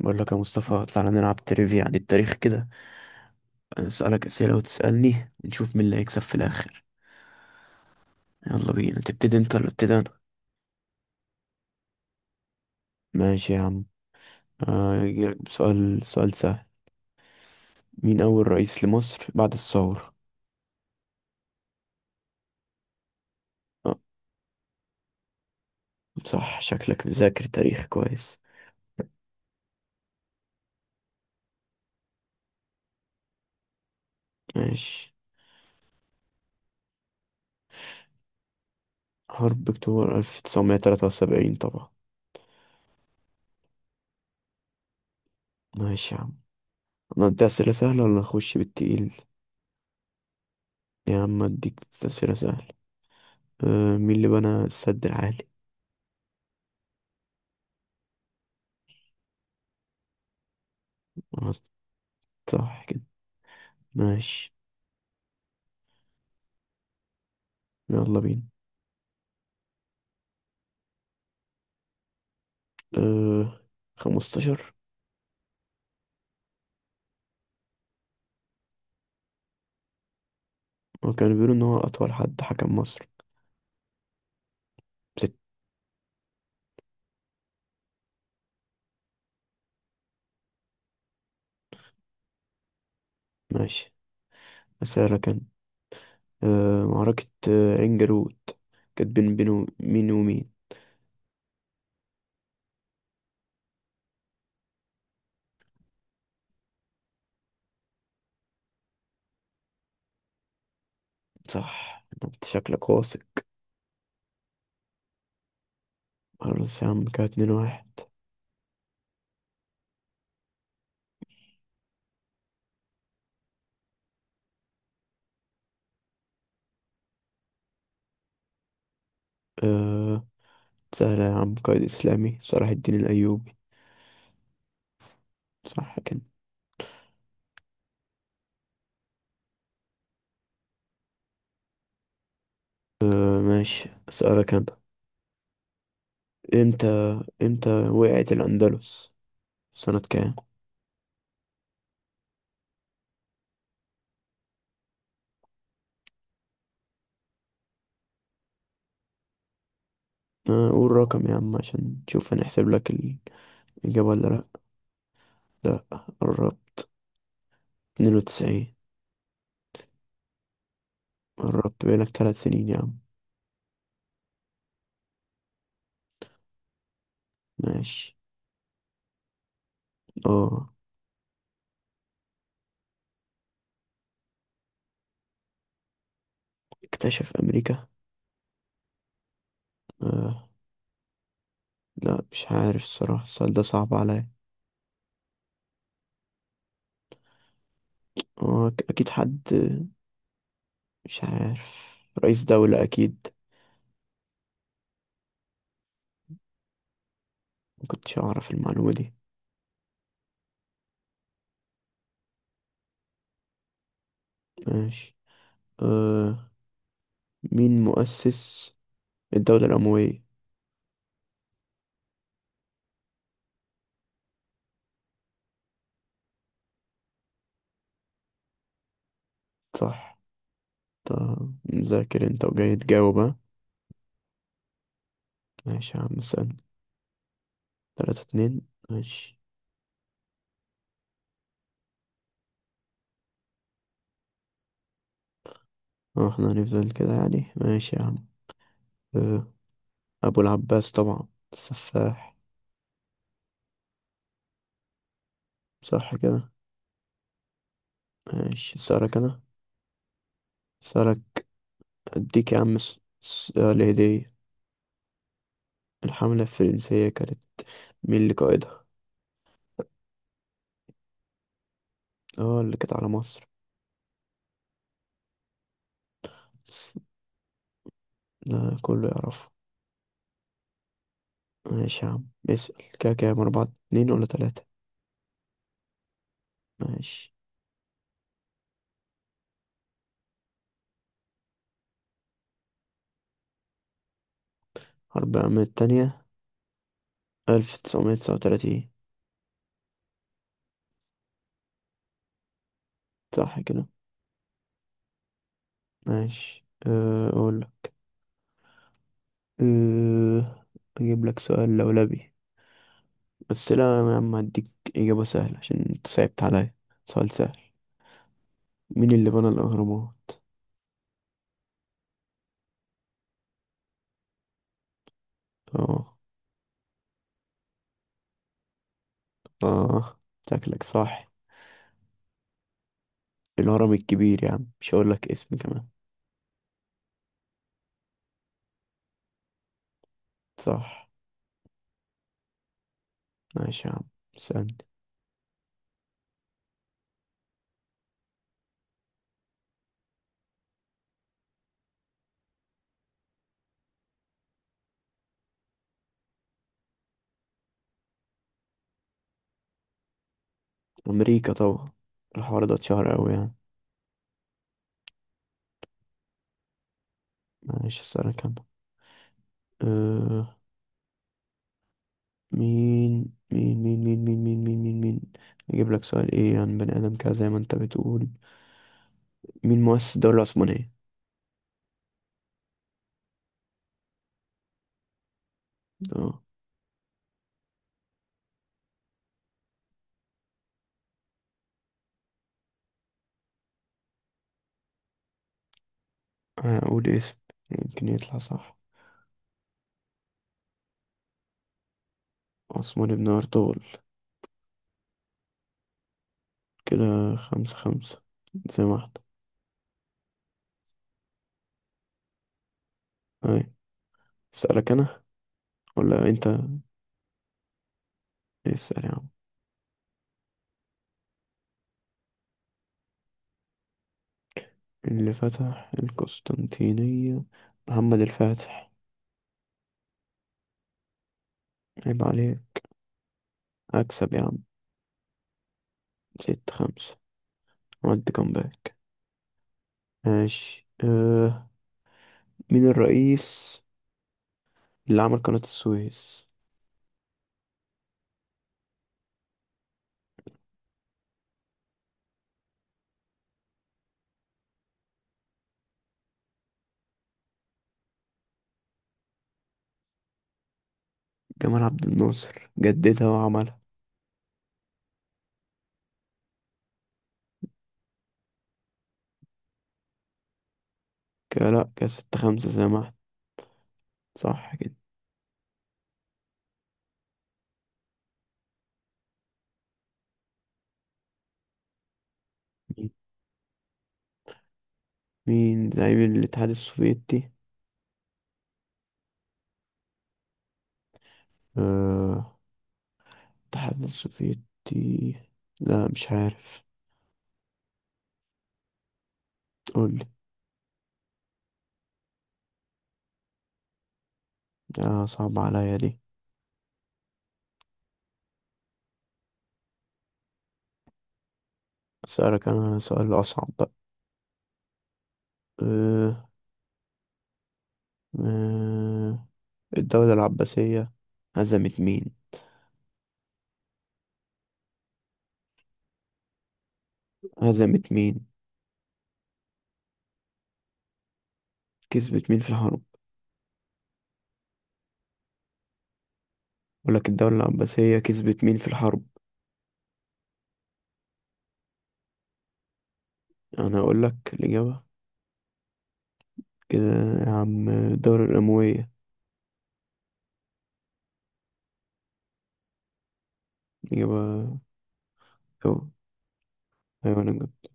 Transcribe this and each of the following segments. بقول لك يا مصطفى تعالى نلعب تريفيا عن التاريخ كده. أنا اسألك أسئلة وتسألني نشوف مين اللي هيكسب في الآخر. يلا بينا، تبتدي انت ولا ابتدي انا؟ ماشي يا عم، هجيلك بسؤال، سؤال سهل. مين أول رئيس لمصر بعد الثورة؟ آه، صح، شكلك مذاكر تاريخ كويس. ماشي، حرب أكتوبر 1973 طبعا. ماشي يا عم، ندي أسئلة سهلة ولا نخش بالتقيل؟ يا عم أديك أسئلة سهلة. مين اللي بنى السد العالي؟ آه، صح كده. ماشي. يلا بينا. أه 15. وكانوا بيقولوا إن هو أطول حد حكم مصر. ست. ماشي، أسألك أنا. معركة عين جالوت كانت بين مين ومين؟ صح، أنت شكلك واثق. خلاص يا عم، كده اتنين واحد. أه، سهلة يا عم، قائد إسلامي، صلاح الدين الأيوبي. صح كده. أه ماشي، أسألك أنا. إمتى إمتى وقعت الأندلس، سنة كام؟ آه، قول رقم يا عم عشان تشوف هنحسب لك الإجابة ولا لأ. لا، قربت. 92. قربت، بقالك 3 سنين يا عم. ماشي. اه، اكتشف أمريكا؟ آه، لا مش عارف الصراحة، السؤال ده صعب عليا. آه. أكيد حد، مش عارف، رئيس دولة أكيد. مكنتش أعرف المعلومة دي. ماشي. آه، مين مؤسس الدولة الأموية؟ صح. طب مذاكر انت وجاي تجاوب ها؟ ماشي يا عم، سأل. تلاتة اتنين. ماشي. اه احنا هنفضل كده يعني، ماشي يا عم. آه، أبو العباس طبعا، السفاح. صح كده. ماشي، سألك أنا، سألك. أديك يا عم سؤال هدية. الحملة الفرنسية كانت، مين اللي قائدها؟ اه، اللي كانت على مصر. بس لا، كله يعرفه. ماشي يا عم، اسأل. كده كام، أربعة اتنين ولا تلاتة؟ ماشي. حرب العالمية التانية، 1939. صح كده. ماشي، أه، أقول، أه، أجيب لك سؤال لولبي. بس لا يا عم، هديك إجابة سهلة عشان أنت صعبت عليا. سؤال سهل، مين اللي بنى الأهرامات؟ آه. آه، شكلك صح. الهرم الكبير يا عم، مش هقولك اسم كمان. صح. ماشي يا عم، سألني. أمريكا طبعا، الحوار ده اتشهر أوي يعني. ماشي، أسألك أنا. آه. مين مين مين مين مين مين مين مين مين أجيب لك سؤال إيه عن بني آدم كده زي ما أنت بتقول. مين مؤسس الدولة العثمانية؟ آه. هقول اسم، يمكن يطلع صح. عثمان بن أرطغرل. كده خمسة خمسة زي ما احنا. أي، أسألك أنا ولا أنت؟ اسأل يا عم. اللي فتح القسطنطينية، محمد الفاتح. عيب عليه. أكسب يا عم. ستة خمسة، عملت كومباك. ماشي. أه، مين الرئيس اللي عمل قناة السويس؟ جمال عبد الناصر جددها وعملها. كده لأ، كده ستة خمسة زي ما احنا. صح كده. مين زعيم الاتحاد السوفيتي؟ أه، الاتحاد السوفيتي، لا مش عارف. قولي. آه، صعب عليا دي. أسألك أنا سؤال أصعب بقى. أه. أه، الدولة العباسية هزمت مين؟ هزمت مين؟ كسبت مين في الحرب؟ أقولك، الدولة العباسية كسبت مين في الحرب؟ أنا أقولك الإجابة. كده يا عم، الدولة الأموية الإجابة. كو، أيوة أنا جبت.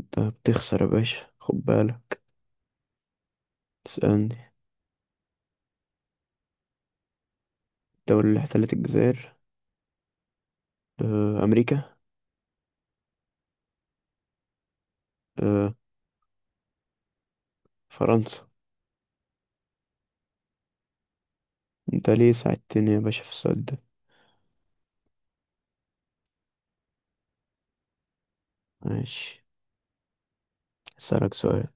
أنت بتخسر يا باشا، خد بالك. تسألني. الدولة اللي احتلت الجزائر؟ أه، أمريكا. أه. فرنسا. انت ليه ساعدتني يا باشا في السؤال ده؟ ماشي، هسألك سؤال.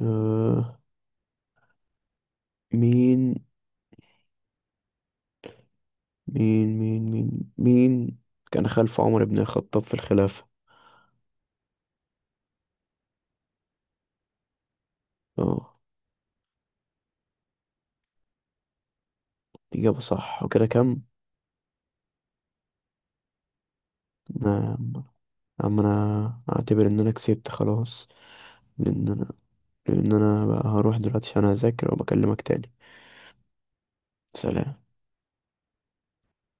أه. مين مين كان خلف عمر بن الخطاب في الخلافة؟ اه. إجابة صح، وكده كم؟ نعم. عم، أنا أعتبر إن أنا كسبت خلاص. لأن أنا لأن أنا بقى هروح دلوقتي عشان أذاكر وبكلمك تاني. سلام.